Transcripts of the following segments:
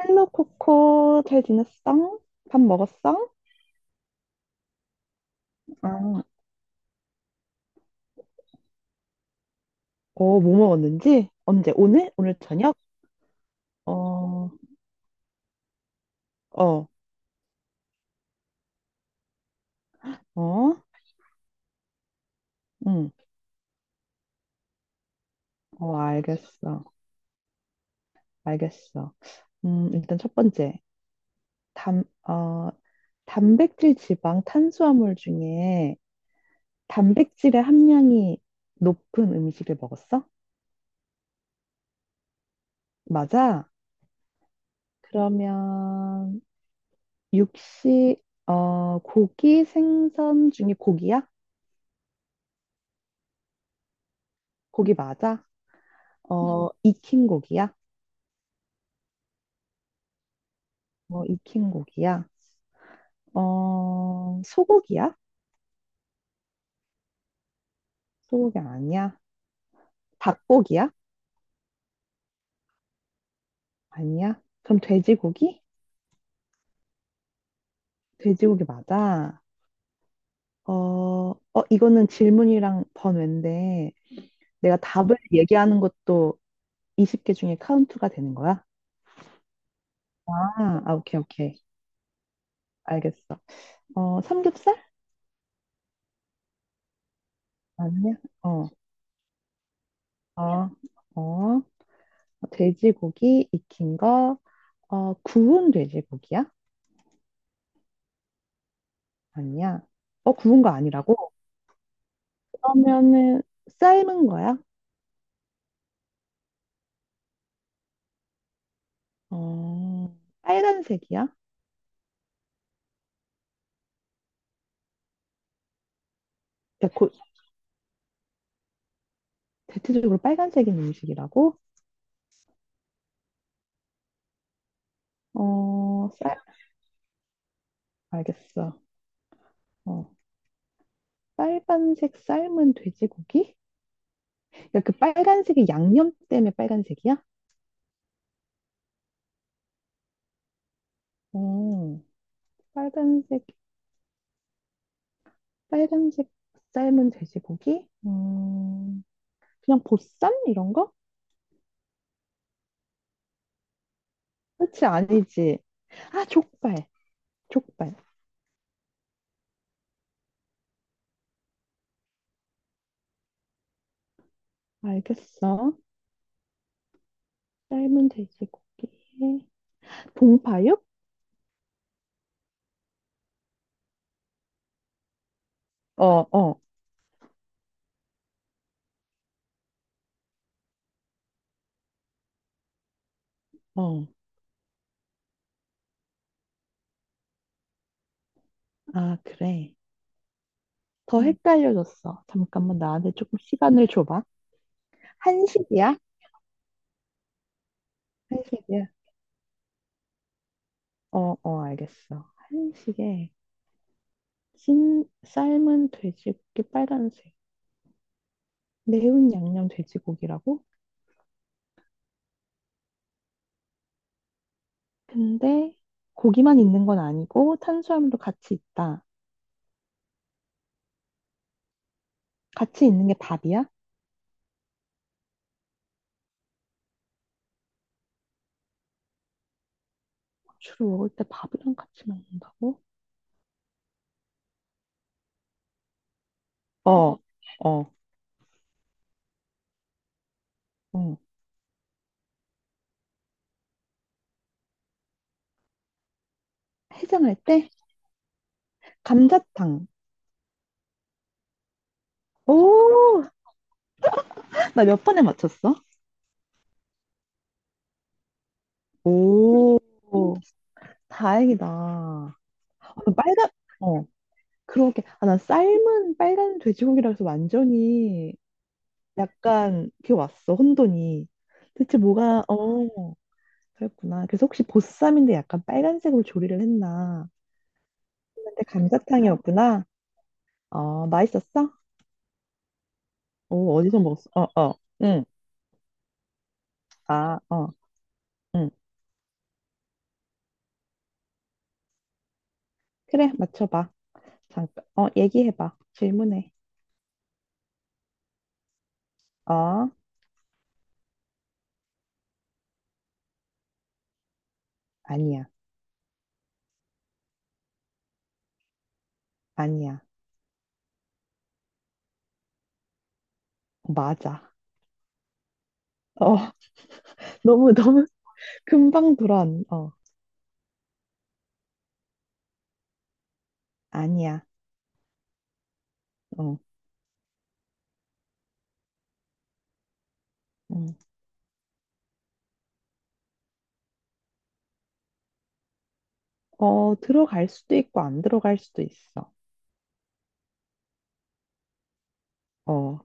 헬로 코코 잘 지냈어? 밥 먹었어? 아, 뭐 먹었는지? 언제? 오늘? 오늘 저녁? 어, 어, 어, 응, 알겠어, 알겠어. 일단 첫 번째, 단, 어, 단백질, 지방, 탄수화물 중에 단백질의 함량이 높은 음식을 먹었어? 맞아? 그러면 육식, 고기, 생선 중에 고기야? 고기 맞아? 음. 익힌 고기야? 익힌 고기야? 소고기야? 소고기 아니야? 닭고기야? 아니야? 그럼 돼지고기? 돼지고기 맞아. 이거는 질문이랑 번외인데, 내가 답을 얘기하는 것도 20개 중에 카운트가 되는 거야? 아, 아, 오케이, 오케이. 알겠어. 삼겹살? 아니야? 어, 어, 어, 돼지고기 익힌 거, 구운 돼지고기야? 아니야? 구운 거 아니라고? 그러면은 삶은 거야? 어, 빨간색이야? 그러니까 대체적으로 빨간색인 음식이라고? 어, 쌀, 알겠어. 어, 빨간색 삶은 돼지고기? 야, 그 빨간색이 양념 때문에 빨간색이야? 어, 빨간색, 빨간색 삶은 돼지고기? 그냥 보쌈? 이런 거? 그렇지, 아니지. 아, 족발. 족발. 알겠어. 삶은 돼지고기에 봉파육? 어, 어, 어. 아, 그래. 더 헷갈려졌어. 잠깐만 나한테 조금 시간을 줘봐. 한식이야? 한식이야. 알겠어. 한식에 찐 삶은 돼지고기 빨간색. 매운 양념 돼지고기라고? 근데 고기만 있는 건 아니고 탄수화물도 같이 있다. 같이 있는 게 밥이야? 주로 먹을 때 밥이랑 같이 먹는다고? 어, 어. 어, 해장할 때 감자탕. 오, 나 몇 번에 맞췄어? 오, 다행이다. 빨간, 어, 그러게. 아, 난 삶은 빨간 돼지고기라서 완전히 약간 그게 왔어, 혼돈이. 대체 뭐가, 어, 그랬구나. 그래서 혹시 보쌈인데 약간 빨간색으로 조리를 했나? 근데 감자탕이었구나. 맛있었어? 오, 어디서 먹었어? 어, 어, 응. 아, 어, 응. 그래, 맞춰봐. 잠깐, 얘기해봐. 질문해. 어, 아니야. 아니야. 맞아. 어, 너무 금방 돌아온, 어, 아니야. 어, 음. 들어갈 수도 있고, 안 들어갈 수도 있어. 어.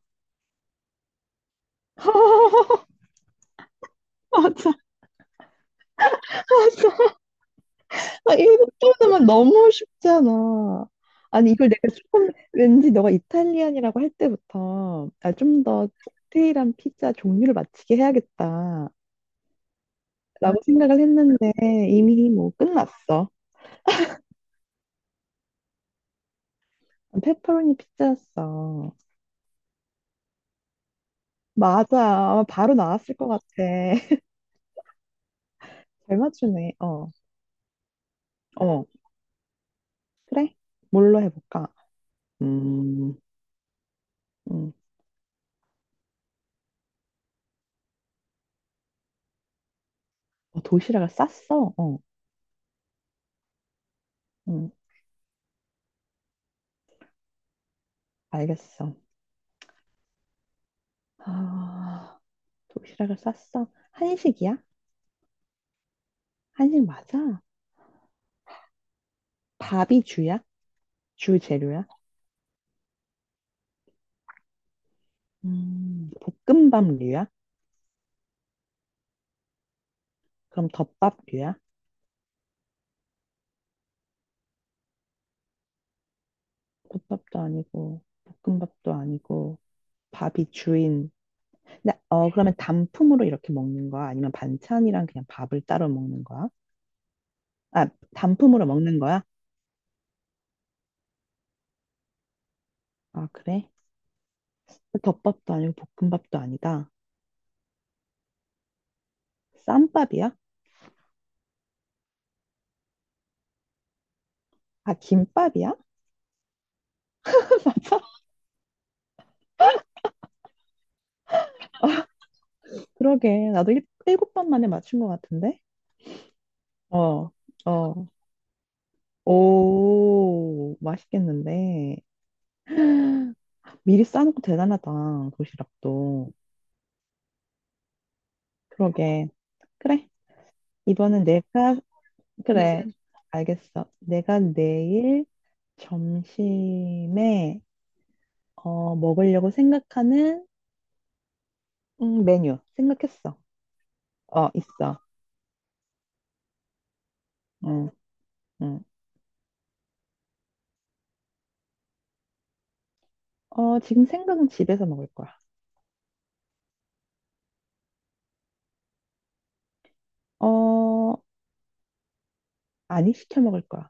맞아, 맞아. 아, 이거 또면 너무 쉽잖아. 아니, 이걸 내가 조금, 왠지 너가 이탈리안이라고 할 때부터, 아, 좀 더 디테일한 피자 종류를 맞히게 해야겠다. 라고 생각을 했는데, 이미 뭐 끝났어. 페퍼로니 피자였어. 맞아. 바로 나왔을 것 같아. 잘 맞추네. 어, 어, 그래? 뭘로 해볼까? 음, 음, 도시락을 쌌어? 어, 음, 알겠어. 아, 도시락을 쌌어? 한식이야? 한식 맞아? 밥이 주야? 주 재료야? 음, 볶음밥류야? 그럼 덮밥류야? 국밥도 아니고, 볶음밥도 아니고, 밥이 주인. 그러면 단품으로 이렇게 먹는 거야? 아니면 반찬이랑 그냥 밥을 따로 먹는 거야? 아, 단품으로 먹는 거야? 아, 그래? 덮밥도 아니고 볶음밥도 아니다. 쌈밥이야? 아, 김밥이야? 맞아? 그러게. 나도 일곱 번 만에 맞춘 것 같은데? 어, 어. 오, 맛있겠는데. 미리 싸놓고 대단하다. 도시락도. 그러게. 그래. 이번엔 내가, 그래. 알겠어. 내가 내일 점심에, 먹으려고 생각하는, 메뉴. 생각했어. 있어. 응, 응. 지금 생각은 집에서 먹을 거야. 어, 아니, 시켜 먹을 거야.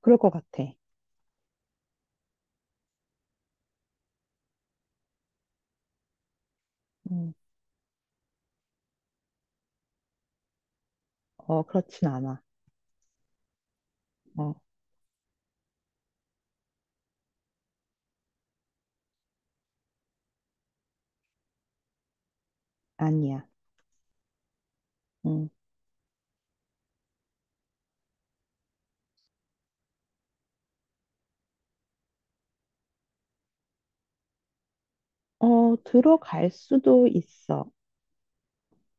그럴 것 같아. 음, 그렇진 않아. 어, 아니야. 음. 들어갈 수도 있어.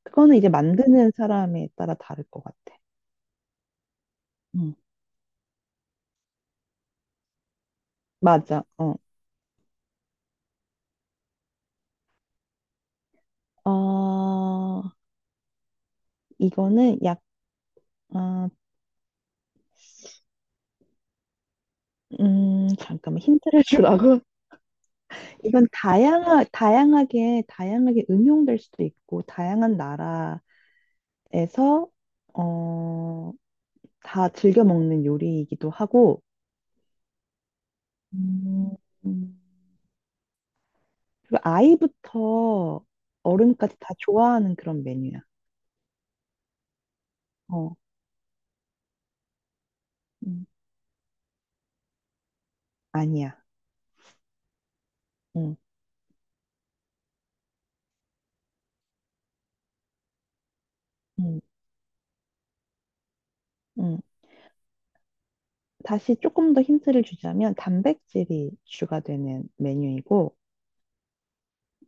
그거는 이제 만드는 사람에 따라 다를 것 같아. 음, 맞아. 어, 이거는 어, 잠깐만 힌트를 주라고. 이건 다양하게 응용될 수도 있고, 다양한 나라에서, 어, 다 즐겨 먹는 요리이기도 하고, 음, 음. 그리고 아이부터 어른까지 다 좋아하는 그런 메뉴야. 어, 음, 아니야. 응, 응, 응. 다시 조금 더 힌트를 주자면 단백질이 주가 되는 메뉴이고,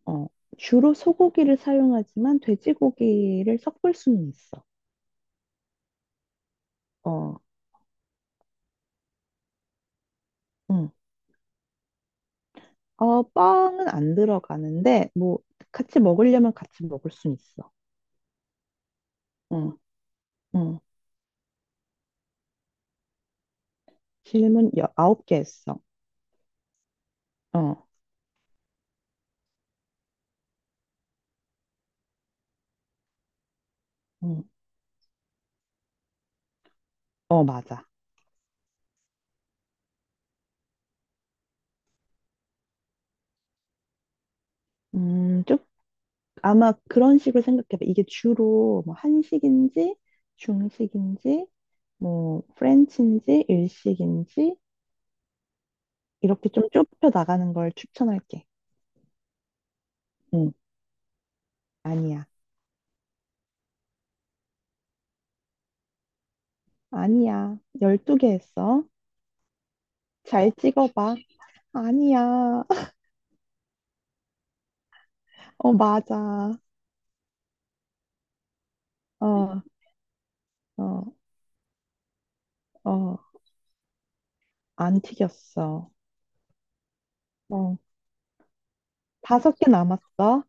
어, 주로 소고기를 사용하지만 돼지고기를 섞을 수는 있어. 어, 응. 빵은 안 들어가는데, 뭐, 같이 먹으려면 같이 먹을 수는 있어. 응, 응. 질문 아홉 개 했어. 어, 음, 맞아. 음, 좀, 아마 그런 식으로 생각해봐. 이게 주로 뭐 한식인지, 중식인지, 뭐, 프렌치인지, 일식인지, 이렇게 좀 좁혀 나가는 걸 추천할게. 응, 아니야. 아니야. 12개 했어. 잘 찍어봐. 아니야. 맞아. 어, 어, 어, 안 튀겼어. 어, 다섯 개 남았어.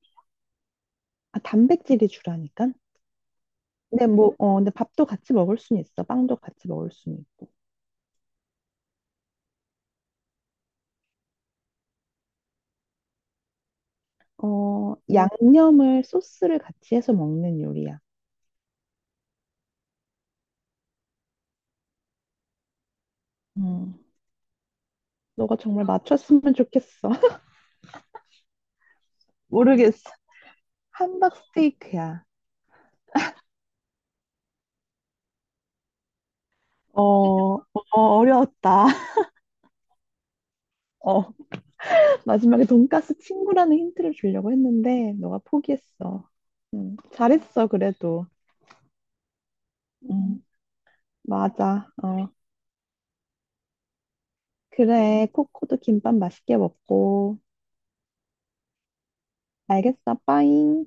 아, 단백질이 주라니까. 근데 밥도 같이 먹을 수는 있어. 빵도 같이 먹을 수는 있고. 양념을 소스를 같이 해서 먹는 요리야. 음, 너가 정말 맞췄으면 좋겠어. 모르겠어. 함박 스테이크야. 어, 어, 어려웠다. 어, 마지막에 돈가스 친구라는 힌트를 주려고 했는데, 너가 포기했어. 잘했어, 그래도. 음, 맞아. 그래. 코코도 김밥 맛있게 먹고. 알겠어, 빠잉.